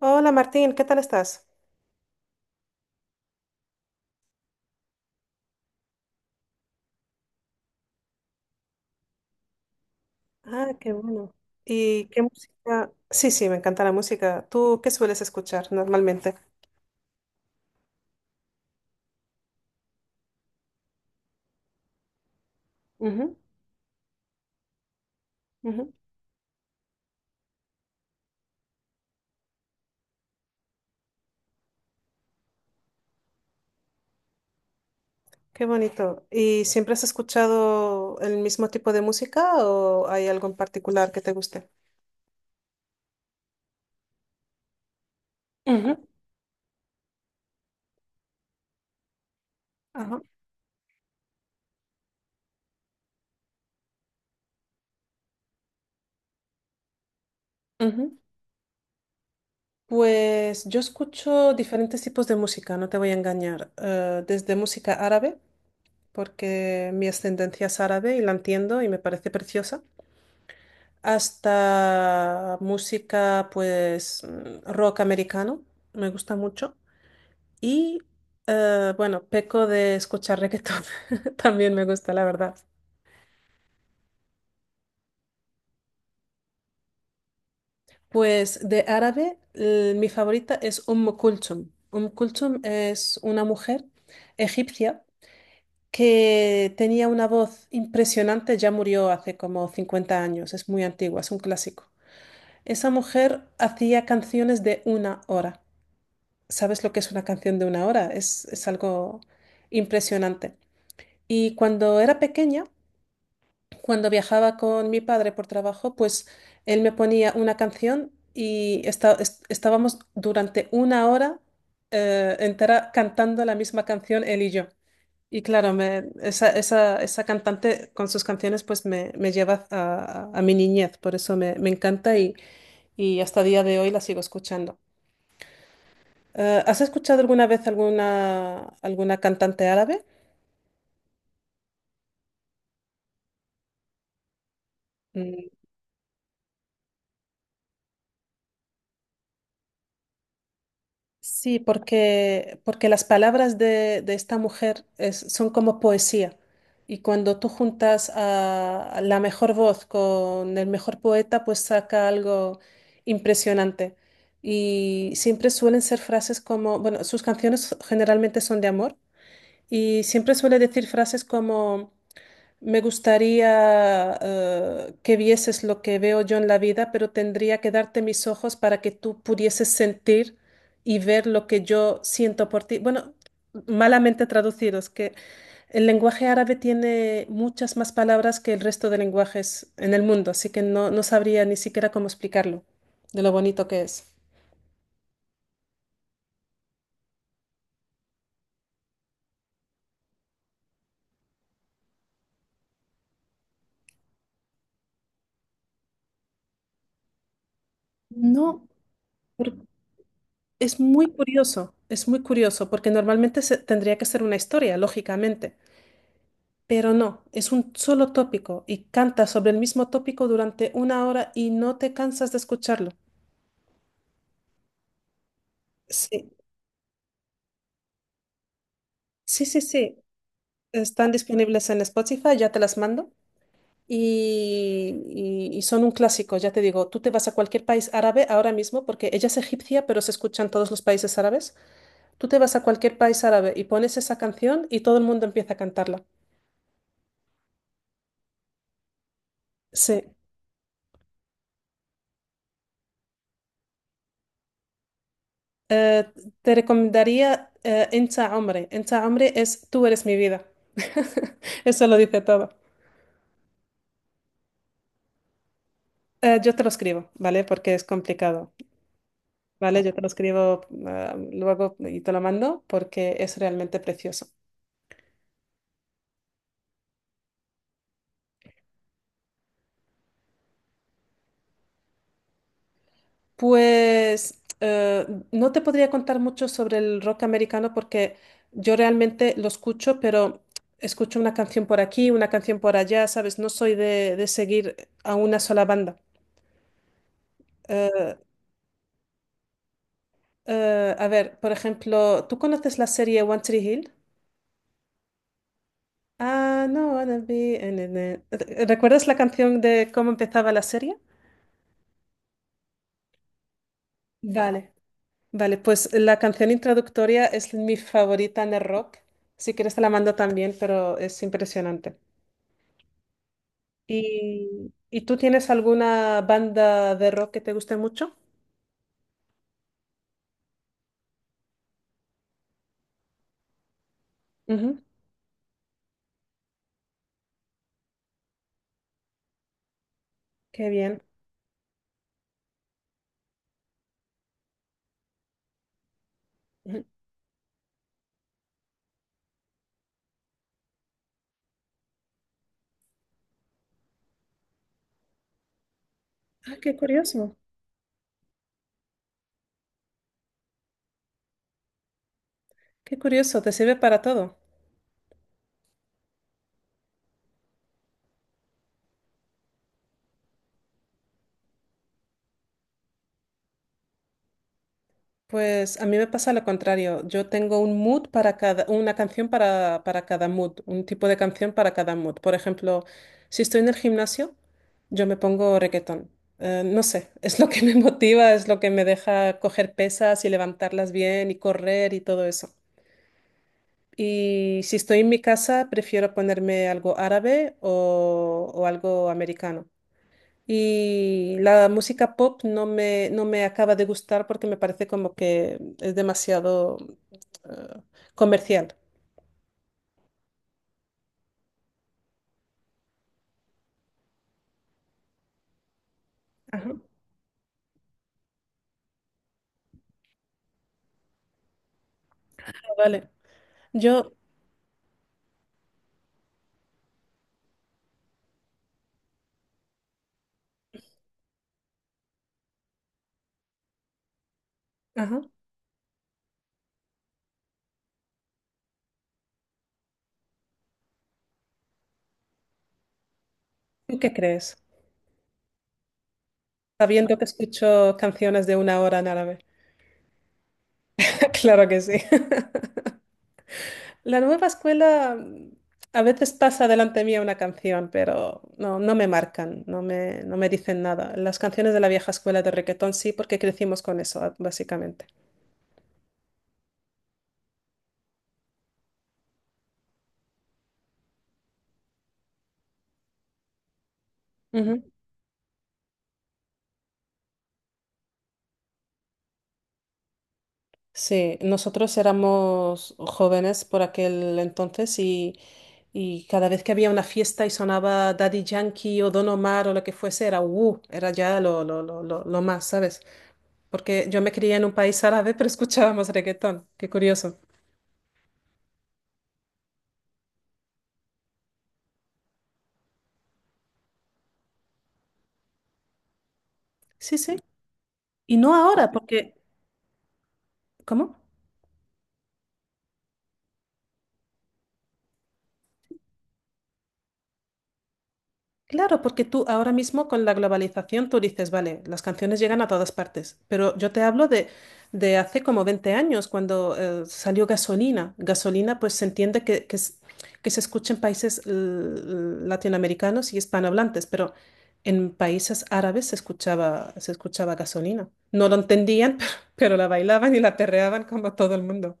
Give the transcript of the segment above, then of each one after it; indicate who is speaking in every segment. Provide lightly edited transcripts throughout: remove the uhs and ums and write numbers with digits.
Speaker 1: Hola Martín, ¿qué tal estás? Ah, qué bueno. ¿Y qué música? Sí, sí, me encanta la música. ¿Tú qué sueles escuchar normalmente? Ujú, ujú. Qué bonito. ¿Y siempre has escuchado el mismo tipo de música o hay algo en particular que te guste? Ujú, ajá, ujú. Pues yo escucho diferentes tipos de música, no te voy a engañar. Desde música árabe, porque mi ascendencia es árabe y la entiendo y me parece preciosa. Hasta música, pues, rock americano, me gusta mucho. Y, bueno, peco de escuchar reggaetón, también me gusta, la verdad. Pues de árabe, mi favorita es Umm Kulthum. Umm Kulthum es una mujer egipcia que tenía una voz impresionante, ya murió hace como 50 años, es muy antigua, es un clásico. Esa mujer hacía canciones de una hora. ¿Sabes lo que es una canción de una hora? Es algo impresionante. Y cuando era pequeña, cuando viajaba con mi padre por trabajo, pues él me ponía una canción y estábamos durante una hora entera cantando la misma canción él y yo. Y claro, esa cantante con sus canciones pues me lleva a mi niñez, por eso me encanta y hasta día de hoy la sigo escuchando. ¿Has escuchado alguna vez alguna cantante árabe? Mm, sí, porque las palabras de esta mujer son como poesía. Y cuando tú juntas a la mejor voz con el mejor poeta, pues saca algo impresionante. Y siempre suelen ser frases como, bueno, sus canciones generalmente son de amor. Y siempre suele decir frases como: Me gustaría que vieses lo que veo yo en la vida, pero tendría que darte mis ojos para que tú pudieses sentir y ver lo que yo siento por ti. Bueno, malamente traducido, es que el lenguaje árabe tiene muchas más palabras que el resto de lenguajes en el mundo, así que no sabría ni siquiera cómo explicarlo, de lo bonito que es. No, Por- es muy curioso, es muy curioso, porque normalmente tendría que ser una historia, lógicamente. Pero no, es un solo tópico y canta sobre el mismo tópico durante una hora y no te cansas de escucharlo. Sí, sí, sí, sí. Están disponibles en Spotify, ya te las mando. Y, y son un clásico, ya te digo, tú te vas a cualquier país árabe ahora mismo, porque ella es egipcia, pero se escucha en todos los países árabes. Tú te vas a cualquier país árabe y pones esa canción y todo el mundo empieza a cantarla. Sí. Eh, Te recomendaría Encha Hombre. Encha Hombre es Tú eres mi vida. Eso lo dice todo. Yo te lo escribo, ¿vale? Porque es complicado, ¿vale? Yo te lo escribo luego y te lo mando porque es realmente precioso. Pues no te podría contar mucho sobre el rock americano porque yo realmente lo escucho, pero escucho una canción por aquí, una canción por allá, ¿sabes? No soy de seguir a una sola banda. Eh, a ver, por ejemplo, ¿tú conoces la serie One Tree Hill? Ah, no, wanna be. ¿Recuerdas la canción de cómo empezaba la serie? Vale, vale, pues la canción introductoria es mi favorita en el rock. Si quieres te la mando también, pero es impresionante. ¿Y tú tienes alguna banda de rock que te guste mucho? Ujú, qué bien. Ujú. Ah, qué curioso, te sirve para todo. Pues a mí me pasa lo contrario. Yo tengo un mood para una canción para cada mood, un tipo de canción para cada mood. Por ejemplo, si estoy en el gimnasio, yo me pongo reggaetón. No sé, es lo que me motiva, es lo que me deja coger pesas y levantarlas bien y correr y todo eso. Y si estoy en mi casa, prefiero ponerme algo árabe o algo americano. Y la música pop no me acaba de gustar porque me parece como que es demasiado eh, comercial. Ajá, ah, vale. Yo, ajá. ¿Tú qué crees? Sabiendo que escucho canciones de una hora en árabe. Claro que sí. La nueva escuela a veces pasa delante mía una canción, pero no me marcan, no me dicen nada. Las canciones de la vieja escuela de reggaetón sí, porque crecimos con eso, básicamente. Sí, nosotros éramos jóvenes por aquel entonces y cada vez que había una fiesta y sonaba Daddy Yankee o Don Omar o lo que fuese, era ya lo más, ¿sabes? Porque yo me crié en un país árabe, pero escuchábamos reggaetón. Qué curioso. Sí, sí. Y no ahora, porque. ¿Cómo? Claro, porque tú ahora mismo con la globalización tú dices, vale, las canciones llegan a todas partes, pero yo te hablo de hace como 20 años, cuando salió Gasolina. Gasolina, pues se entiende que se escucha en países latinoamericanos y hispanohablantes, pero en países árabes se escuchaba Gasolina. No lo entendían, pero la bailaban y la perreaban como todo el mundo.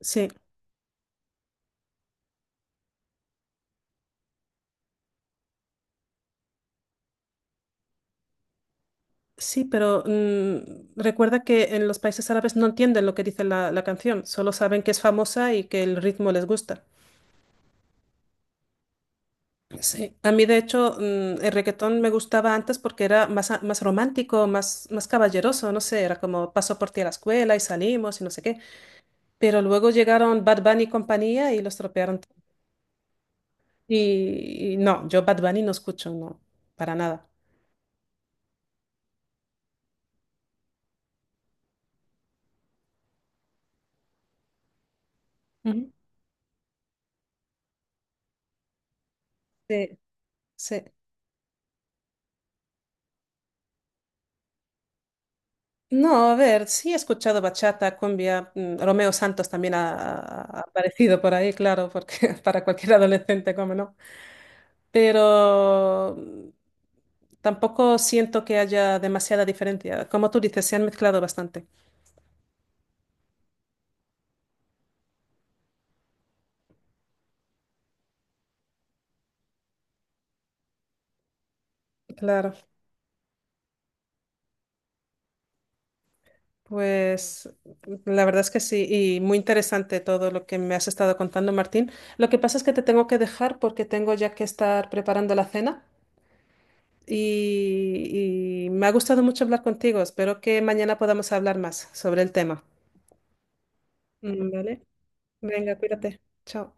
Speaker 1: Sí. Sí, pero recuerda que en los países árabes no entienden lo que dice la canción, solo saben que es famosa y que el ritmo les gusta. Sí, a mí de hecho el reggaetón me gustaba antes porque era más romántico, más caballeroso, no sé, era como paso por ti a la escuela y salimos y no sé qué. Pero luego llegaron Bad Bunny y compañía y lo estropearon todo. Y no, yo Bad Bunny no escucho, no, para nada. Ujú. Sí, sí. No, a ver, sí he escuchado bachata, cumbia, Romeo Santos también ha aparecido por ahí, claro, porque para cualquier adolescente, cómo no. Pero tampoco siento que haya demasiada diferencia. Como tú dices, se han mezclado bastante. Claro, pues la verdad es que sí, y muy interesante todo lo que me has estado contando, Martín. Lo que pasa es que te tengo que dejar porque tengo ya que estar preparando la cena. Y me ha gustado mucho hablar contigo. Espero que mañana podamos hablar más sobre el tema. Mm, vale, venga, cuídate. Chao.